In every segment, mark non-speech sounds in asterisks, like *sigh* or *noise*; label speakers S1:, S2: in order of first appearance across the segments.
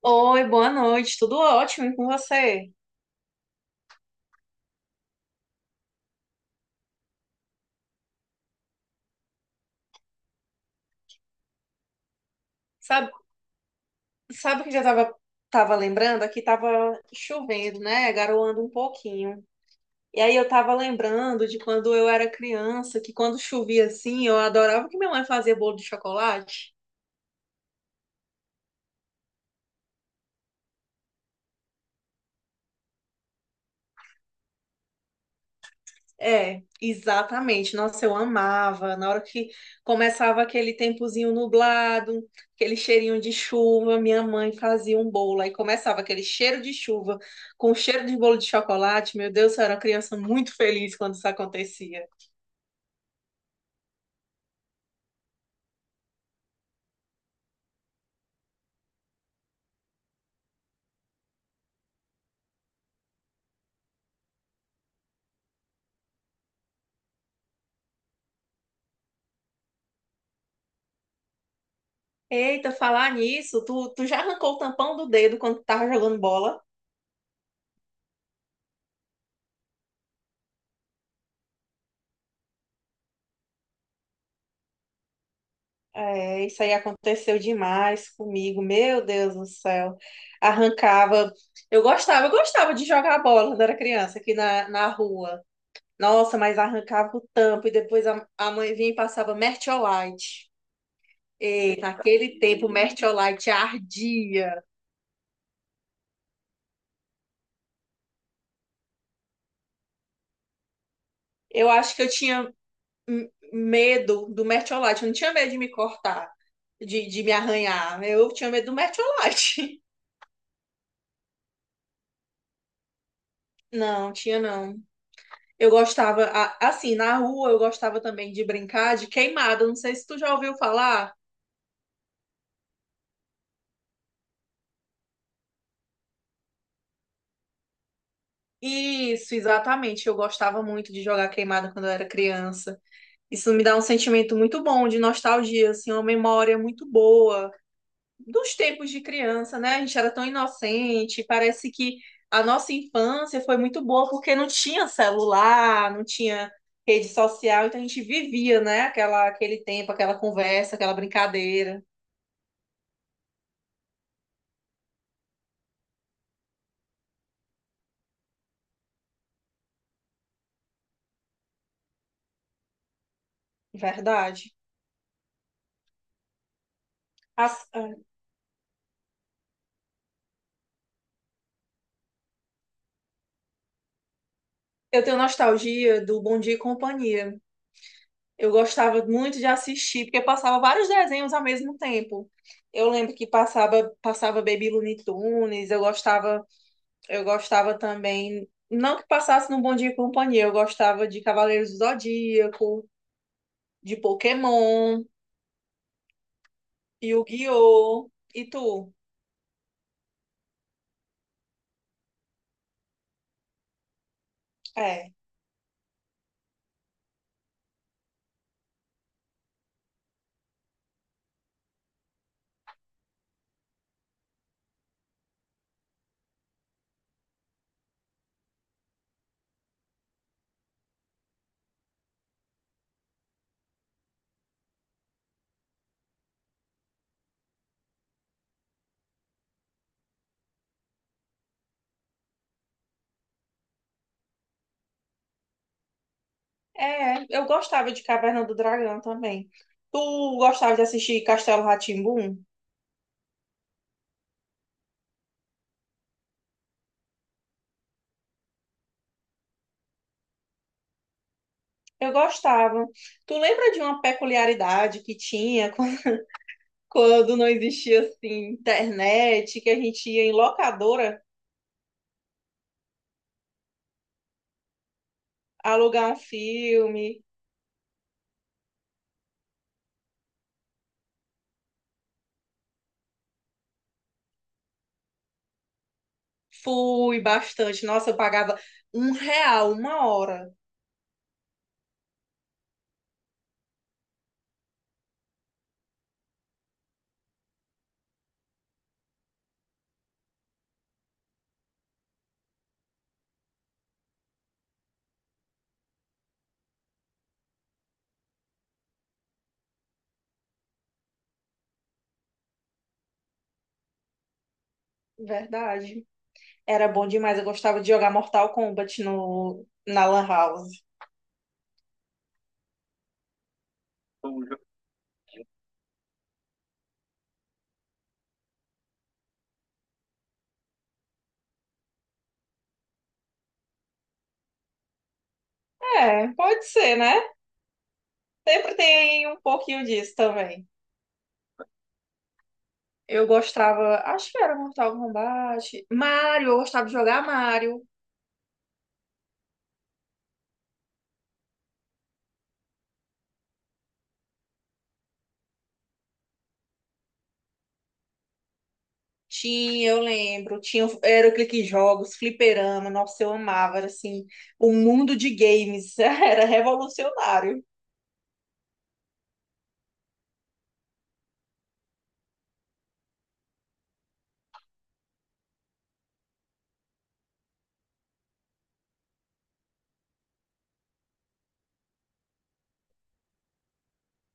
S1: Oi, boa noite, tudo ótimo e com você? Sabe, sabe que já tava, tava lembrando? Aqui tava chovendo, né? Garoando um pouquinho. E aí eu tava lembrando de quando eu era criança, que quando chovia assim, eu adorava que minha mãe fazia bolo de chocolate. É, exatamente. Nossa, eu amava. Na hora que começava aquele tempozinho nublado, aquele cheirinho de chuva, minha mãe fazia um bolo. Aí começava aquele cheiro de chuva com cheiro de bolo de chocolate. Meu Deus, eu era uma criança muito feliz quando isso acontecia. Eita, falar nisso, tu já arrancou o tampão do dedo quando tu tava jogando bola? É, isso aí aconteceu demais comigo, meu Deus do céu. Arrancava. Eu gostava de jogar bola quando era criança aqui na rua. Nossa, mas arrancava o tampo e depois a mãe vinha e passava Mertiolate. E naquele tempo, o Mertiolate ardia. Eu acho que eu tinha medo do Mertiolate, eu não tinha medo de me cortar, de me arranhar. Eu tinha medo do Mertiolate. *laughs* Não, tinha não. Eu gostava, assim, na rua eu gostava também de brincar de queimada. Não sei se tu já ouviu falar. Isso, exatamente. Eu gostava muito de jogar queimada quando eu era criança. Isso me dá um sentimento muito bom de nostalgia, assim, uma memória muito boa dos tempos de criança, né? A gente era tão inocente. Parece que a nossa infância foi muito boa porque não tinha celular, não tinha rede social, então a gente vivia, né? Aquele tempo, aquela conversa, aquela brincadeira. Verdade. As- ah, Eu tenho nostalgia do Bom Dia e Companhia. Eu gostava muito de assistir, porque passava vários desenhos ao mesmo tempo. Eu lembro que passava, passava Baby Looney Tunes, eu gostava também, não que passasse no Bom Dia e Companhia, eu gostava de Cavaleiros do Zodíaco, de Pokémon, Yu-Gi-Oh! E tu? É, eu gostava de Caverna do Dragão também. Tu gostava de assistir Castelo rá tim. Eu gostava. Tu lembra de uma peculiaridade que tinha *laughs* quando quando não existia assim internet, que a gente ia em locadora alugar um filme? Fui bastante. Nossa, eu pagava um real uma hora. Verdade. Era bom demais. Eu gostava de jogar Mortal Kombat no, na Lan House. É, pode ser, né? Sempre tem um pouquinho disso também. Eu gostava, acho que era Mortal Kombat. Mario, eu gostava de jogar Mario. Tinha, eu lembro. Tinha, era aqueles jogos, fliperama. Nossa, eu amava. Era assim, o mundo de games. *laughs* Era revolucionário.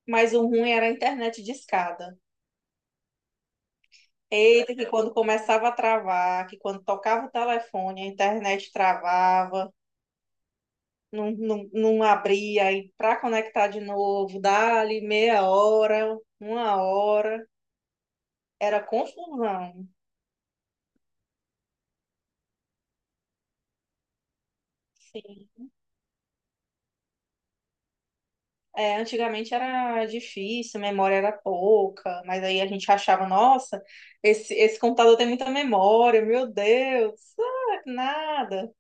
S1: Mas o ruim era a internet de escada. Eita, que quando começava a travar, que quando tocava o telefone, a internet travava, não abria. Aí para conectar de novo, dali meia hora, uma hora. Era confusão. Sim. É, antigamente era difícil, a memória era pouca, mas aí a gente achava, nossa, esse computador tem muita memória, meu Deus, ah, nada.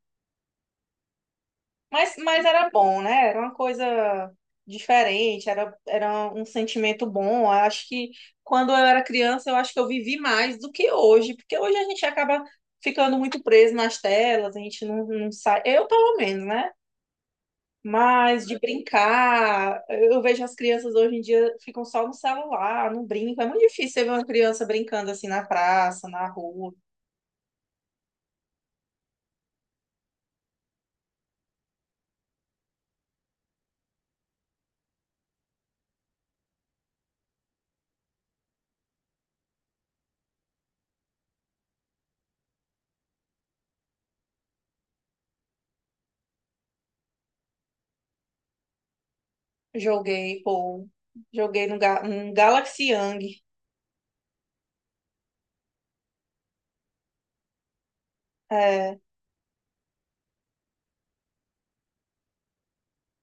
S1: Mas era bom, né? Era uma coisa diferente, era um sentimento bom. Eu acho que quando eu era criança, eu acho que eu vivi mais do que hoje, porque hoje a gente acaba ficando muito preso nas telas, a gente não sai, eu pelo menos, né? Mas de brincar, eu vejo as crianças hoje em dia ficam só no celular, não brincam. É muito difícil você ver uma criança brincando assim na praça, na rua. Joguei, pô, joguei no Ga- um Galaxy Young. É,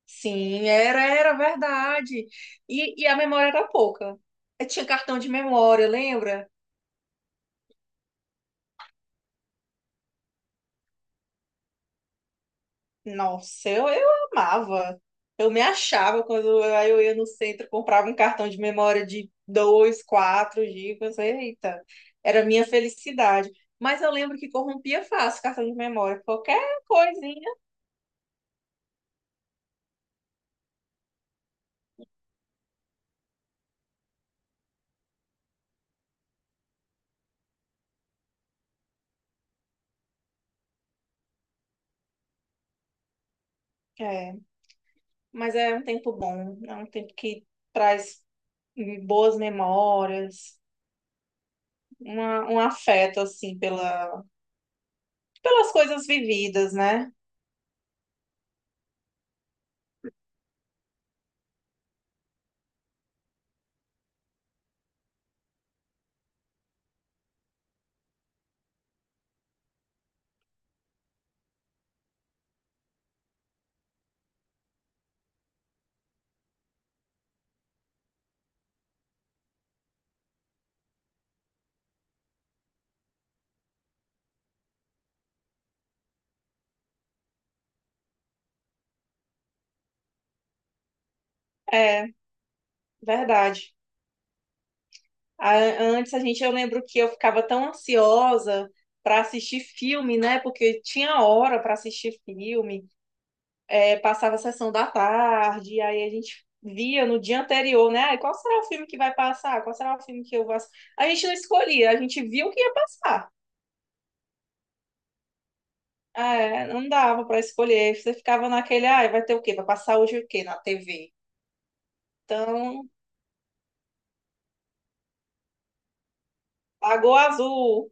S1: sim, era verdade. E a memória era pouca. Eu tinha cartão de memória, lembra? Nossa, eu amava. Eu me achava quando eu, aí eu ia no centro, comprava um cartão de memória de 2 4 gigas. Eita, era a minha felicidade. Mas eu lembro que corrompia fácil cartão de memória, qualquer coisinha. É, mas é um tempo bom, é um tempo que traz boas memórias, um afeto, assim, pelas coisas vividas, né? É, verdade. Antes a gente, eu lembro que eu ficava tão ansiosa para assistir filme, né? Porque tinha hora para assistir filme. É, passava a sessão da tarde, e aí a gente via no dia anterior, né? Ai, qual será o filme que vai passar? Qual será o filme que eu vou assistir? A gente não escolhia, a gente via o que ia passar. Ah, é, não dava para escolher, você ficava naquele, ai, vai ter o quê? Vai passar hoje o quê na TV? Então, Lagoa Azul,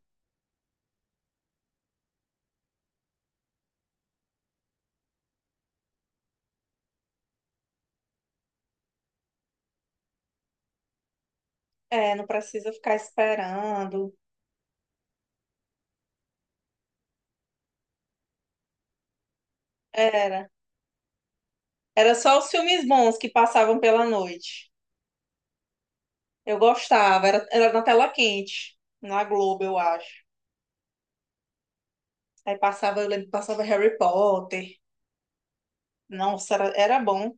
S1: é, não precisa ficar esperando. Era. Era só os filmes bons que passavam pela noite. Eu gostava, era na tela quente, na Globo, eu acho. Aí passava, eu lembro, que passava Harry Potter. Nossa, era bom.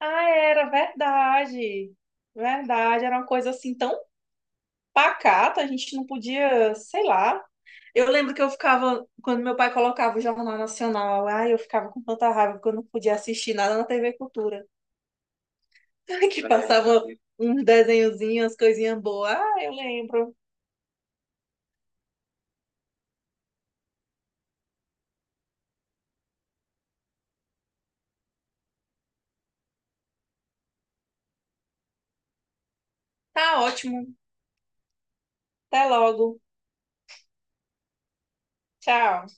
S1: Ah, era verdade. Verdade, era uma coisa assim tão pacata, a gente não podia, sei lá. Eu lembro que eu ficava, quando meu pai colocava o Jornal Nacional, ai, eu ficava com tanta raiva porque eu não podia assistir nada na TV Cultura. *laughs* Que passava uns desenhozinhos, umas coisinhas boas. Ah, eu lembro. Tá ótimo. Até logo. Tchau.